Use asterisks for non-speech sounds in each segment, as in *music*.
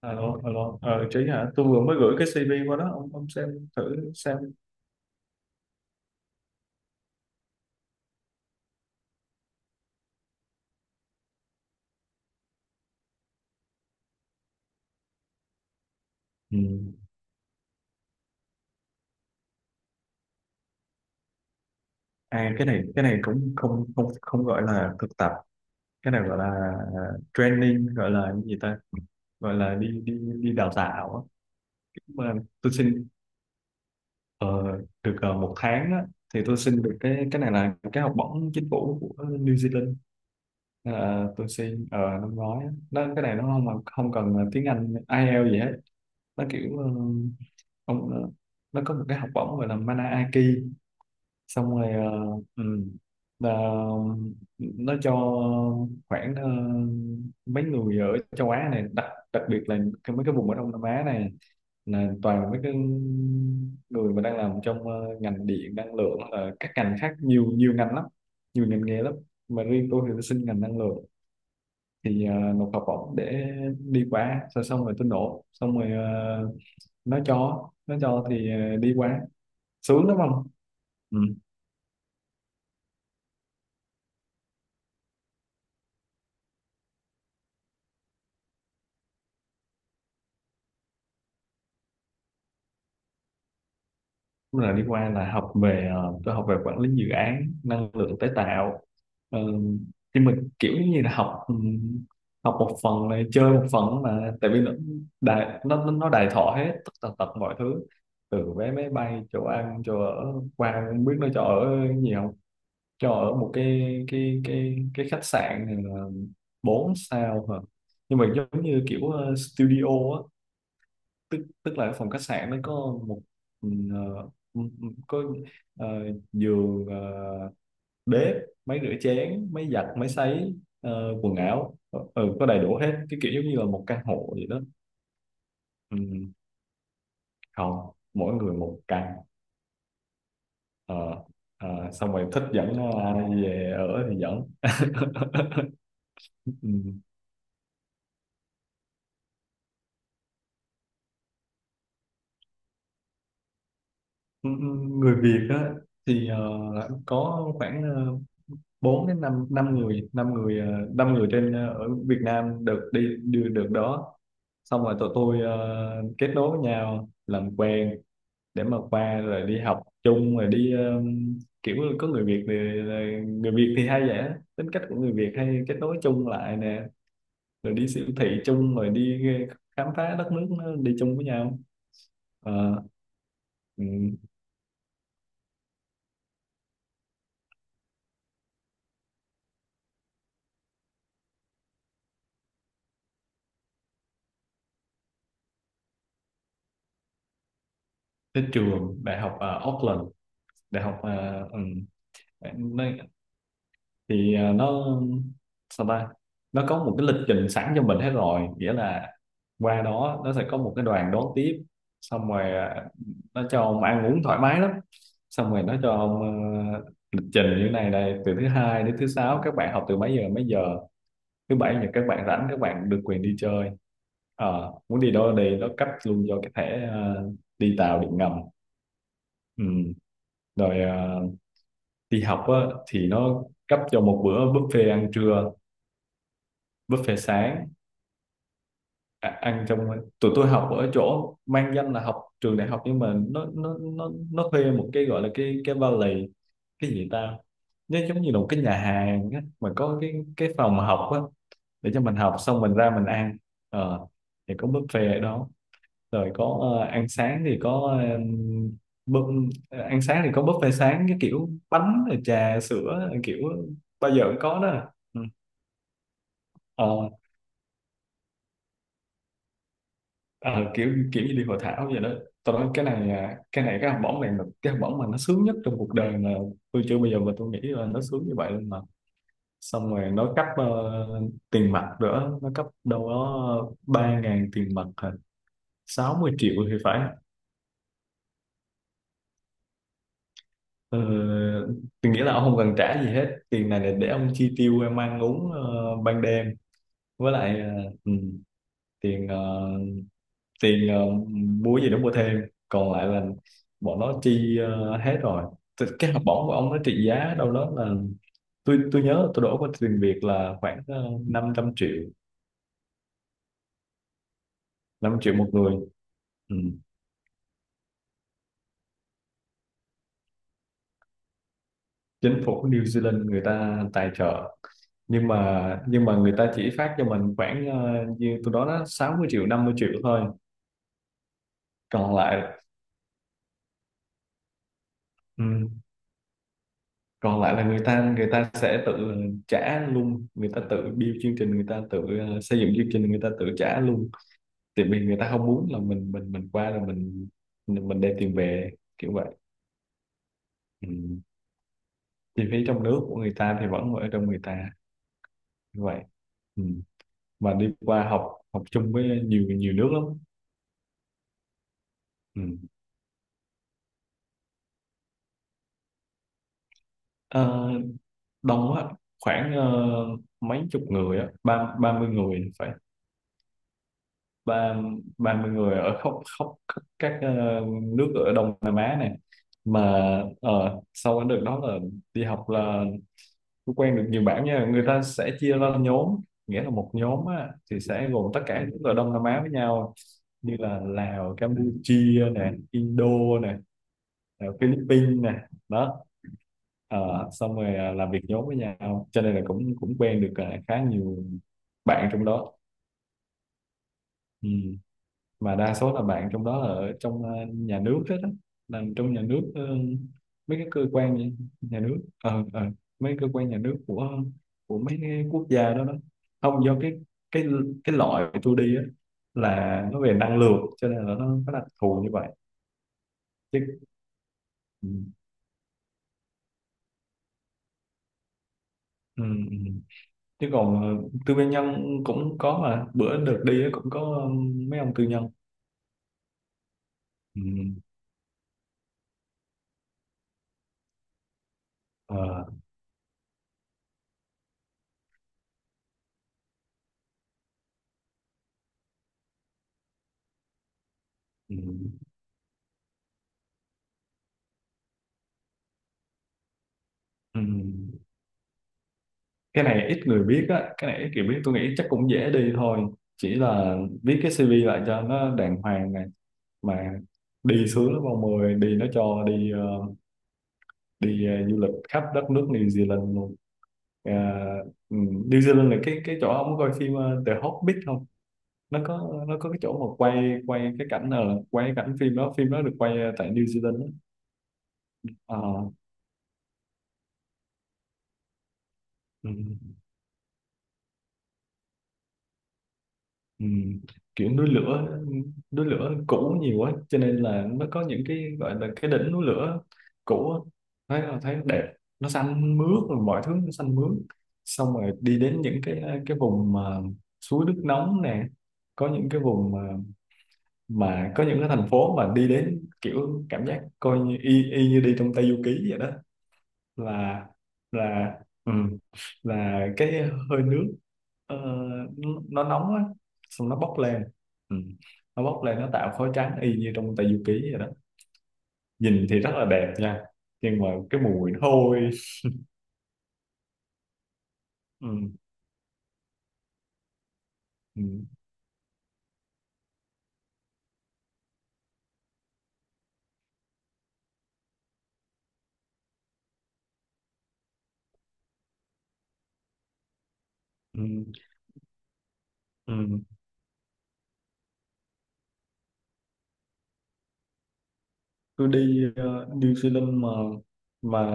Alo, alo, Trí hả? Tôi vừa mới gửi cái CV qua đó, ông xem thử xem. Ừ. À, cái này cũng không không không gọi là thực tập, cái này gọi là à, training, gọi là cái gì ta? Gọi là đi đi đi đào tạo á. Mà tôi xin ờ, được một tháng á, thì tôi xin được cái này là cái học bổng chính phủ của New Zealand. À, tôi xin ở năm ngoái á. Nó cái này nó không không cần tiếng Anh IELTS gì hết, nó kiểu ông ờ, nó có một cái học bổng gọi là Manaki, xong rồi ừ, là nó cho khoảng mấy người ở châu Á này, đặc đặc biệt là mấy cái vùng ở Đông Nam Á này, là toàn là mấy cái người mà đang làm trong ngành điện năng lượng, là các ngành khác, nhiều nhiều ngành lắm, nhiều ngành nghề lắm. Mà riêng tôi thì tôi xin ngành năng lượng, thì nộp học bổng để đi qua. Xong xong rồi tôi nộp xong rồi nó cho thì đi qua xuống đúng không? Ừ. Cũng là đi qua là học về tôi học về quản lý dự án năng lượng tái tạo. Ờ, thì mình kiểu như là học, học một phần này chơi một phần, mà tại vì nó đài, nó đầy thọ hết tất tần tật mọi thứ, từ vé máy bay, chỗ ăn chỗ ở, qua không biết nó cho ở nhiều không. Cho ở một cái khách sạn ờ, 4 sao hả, nhưng mà giống như kiểu studio á. Tức tức là cái phòng khách sạn nó có một, có ờ, giường, bếp, máy rửa chén, máy giặt, máy sấy, quần áo, có đầy đủ hết, cái kiểu giống như là một căn hộ vậy đó. Ừ, không, mỗi người một căn. Ờ, xong rồi thích dẫn ai về ở thì dẫn. *laughs* Ừ. Ừ, Người Việt á, thì có khoảng 4 đến 5 năm năm người ờ, năm người trên ở Việt Nam được đi đưa được đó. Xong rồi tụi tôi kết nối với nhau, làm quen để mà qua rồi đi học chung, rồi đi kiểu có người Việt thì người Việt thì hay vậy á. Tính cách của người Việt hay kết nối chung lại nè, rồi đi siêu thị chung, rồi đi khám phá đất nước nó, đi chung với nhau. Ờ, ừ, tới trường đại học ở Auckland, đại học ừ, thì nó sao ta, nó có một cái lịch trình sẵn cho mình hết rồi, nghĩa là qua đó nó sẽ có một cái đoàn đón tiếp. Xong rồi nó cho ông ăn uống thoải mái lắm. Xong rồi nó cho ông ờ, lịch trình như thế này đây: từ thứ hai đến thứ sáu các bạn học từ mấy giờ đến mấy giờ, thứ bảy thì các bạn rảnh, các bạn được quyền đi chơi. Ờ, muốn đi đâu đi, nó cấp luôn cho cái thẻ đi tàu điện ngầm. Ừ. Rồi đi học á, thì nó cấp cho một bữa buffet ăn trưa, buffet sáng. Ăn trong, tụi tôi học ở chỗ mang danh là học trường đại học nhưng mà nó thuê một cái gọi là cái valley, cái gì ta, nó giống như là một cái nhà hàng á, mà có cái phòng học á, để cho mình học xong mình ra mình ăn. ờ, thì có buffet ở đó, rồi có ăn sáng thì có ăn sáng thì có buffet sáng, cái kiểu bánh rồi trà sữa, kiểu bao giờ cũng có đó. Ừ. Ờ, ờ, kiểu kiểu như đi hội thảo vậy đó. Tao nói cái này, cái này, cái học bổng này là cái học bổng mà nó sướng nhất trong cuộc đời mà, tôi chưa bao giờ mà tôi nghĩ là nó sướng như vậy luôn mà. Xong rồi nó cấp tiền mặt nữa, nó cấp đâu đó 3.000 tiền mặt hả? 60 triệu thì phải. ờ, tôi nghĩ là ông không cần trả gì hết, tiền này là để ông chi tiêu, em ăn uống ban đêm, với lại tiền, tiền ờ, mua gì đó mua thêm. Còn lại là bọn nó chi hết rồi. Thì cái học bổng của ông nó trị giá đâu đó là, tôi nhớ tôi đổ qua tiền Việt là khoảng 500 triệu, 5 triệu một người. Ừ. Chính phủ New Zealand người ta tài trợ, nhưng mà người ta chỉ phát cho mình khoảng như tôi đó đó, 60 triệu, 50 triệu thôi. Còn lại ừ, còn lại là người ta sẽ tự trả luôn, người ta tự build chương trình, người ta tự xây dựng chương trình, người ta tự trả luôn. Tại vì người ta không muốn là mình qua rồi mình đem tiền về kiểu vậy. Ừ. Chi phí trong nước của người ta thì vẫn ở trong người ta như vậy. Ừ. Mà đi qua học học chung với nhiều nhiều nước lắm. Ừ. Ờ, đông á, khoảng mấy chục người á, ba 30 người phải, ba 30 người ở khắp, các nước ở Đông Nam Á này mà. Sau cái đợt đó là đi học là tôi quen được nhiều bạn nha, người ta sẽ chia ra nhóm, nghĩa là một nhóm á, thì sẽ gồm tất cả những người Đông Nam Á với nhau, như là Lào, Campuchia nè, Indo nè, Philippines nè đó. Ờ, xong rồi làm việc nhóm với nhau, cho nên là cũng cũng quen được, khá nhiều bạn trong đó. Ừ. Mà đa số là bạn trong đó là ở trong nhà nước hết á, làm trong nhà nước, mấy cái cơ quan nhà nhà nước, ờ ờ mấy cơ quan nhà nước của mấy cái quốc gia đó đó. Không, do cái cái loại tôi đi á, là nó về năng lượng, cho nên là nó có đặc thù như vậy chứ. Ừ, ừ, ừ. Chứ còn tư nhân cũng có, mà bữa được đi á cũng có mấy ông tư nhân. Ừ, ờ, ừ, ừ. Cái này ít người biết á, cái này ít người biết. Tôi nghĩ chắc cũng dễ đi thôi, chỉ là viết cái CV lại cho nó đàng hoàng này, mà đi sướng lắm ông ơi, đi nó cho đi đi du lịch khắp đất nước New Zealand luôn. Ờ, ừ, New Zealand là cái chỗ ông có coi phim The Hobbit không? Nó có cái chỗ mà quay quay cái cảnh, là quay cái cảnh phim đó được quay tại New Zealand đó. Ờ, ừ. Ừ. Kiểu núi lửa, núi lửa cũ nhiều quá, cho nên là nó có những cái gọi là cái đỉnh núi lửa cũ á. Thấy là thấy đẹp, nó xanh mướt, rồi mọi thứ nó xanh mướt. Xong rồi đi đến những cái vùng mà suối nước nóng nè, có những cái vùng mà, có những cái thành phố mà đi đến kiểu cảm giác coi như y như đi trong Tây Du Ký vậy đó. Là là ừ, là cái hơi nước ờ, nó nóng á, xong nó bốc lên. Ừ. Nó bốc lên nó tạo khói trắng y như trong Tây Du Ký vậy đó, nhìn thì rất là đẹp nha, nhưng mà cái mùi nó hôi. Ừ. Ừ. Ừ. Ừ. Tôi đi New Zealand mà, mà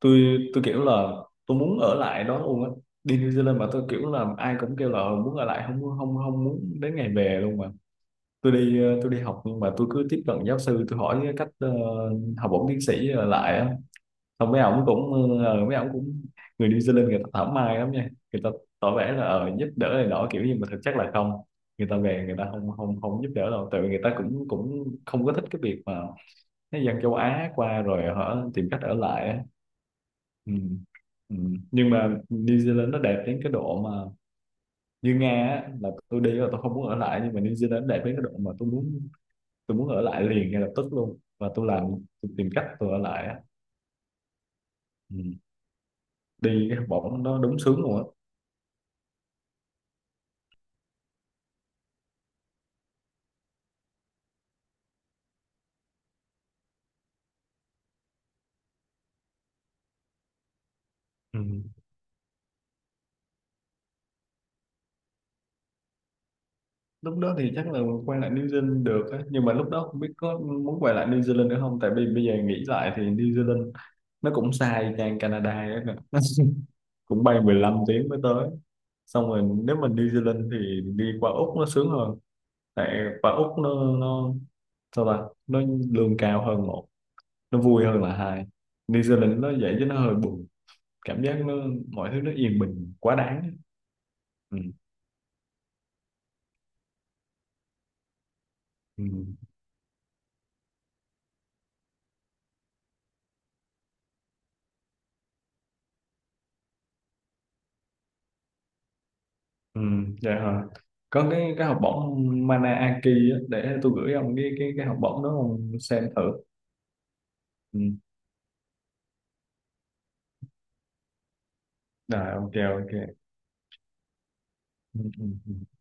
tôi kiểu là tôi muốn ở lại đó luôn á. Đi New Zealand mà tôi kiểu là ai cũng kêu là muốn ở lại, không không không muốn đến ngày về luôn mà. Tôi đi tôi đi học, nhưng mà tôi cứ tiếp cận giáo sư, tôi hỏi cái cách học bổng tiến sĩ lại á. Xong mấy ổng cũng, mấy ổng cũng, người New Zealand người ta thảo mai lắm nha, người ta tỏ vẻ là giúp đỡ này nọ kiểu gì mà thực chất là không. Người ta về người ta không không không giúp đỡ đâu, tại vì người ta cũng cũng không có thích cái việc mà cái dân châu Á qua rồi họ tìm cách ở lại á. Ừ. Ừ. Nhưng mà New Zealand nó đẹp đến cái độ mà, như Nga á, là tôi đi là tôi không muốn ở lại, nhưng mà New Zealand đẹp đến cái độ mà tôi muốn ở lại liền ngay lập tức luôn, và tôi làm, tôi tìm cách tôi ở lại á. Ừ. Đi cái học bổng nó đúng sướng luôn á. Ừ. Lúc đó thì chắc là quay lại New Zealand được á, nhưng mà lúc đó không biết có muốn quay lại New Zealand nữa không, tại vì bây giờ nghĩ lại thì New Zealand nó cũng xa ngang Canada ấy nè. *laughs* Nó cũng bay 15 tiếng mới tới. Xong rồi nếu mà New Zealand thì đi qua Úc nó sướng hơn, tại qua Úc nó sao ta, nó lương cao hơn một, nó vui hơn là hai. New Zealand nó vậy chứ nó hơi buồn, cảm giác nó, mọi thứ nó yên bình quá đáng. Ừ. Ừ. Ừ. Dạ hả? Có cái học bổng Mana á, để tôi gửi ông cái học bổng đó ông xem thử. Ừ. Rồi ok. Ok. Ừ. Ừ. Ừ.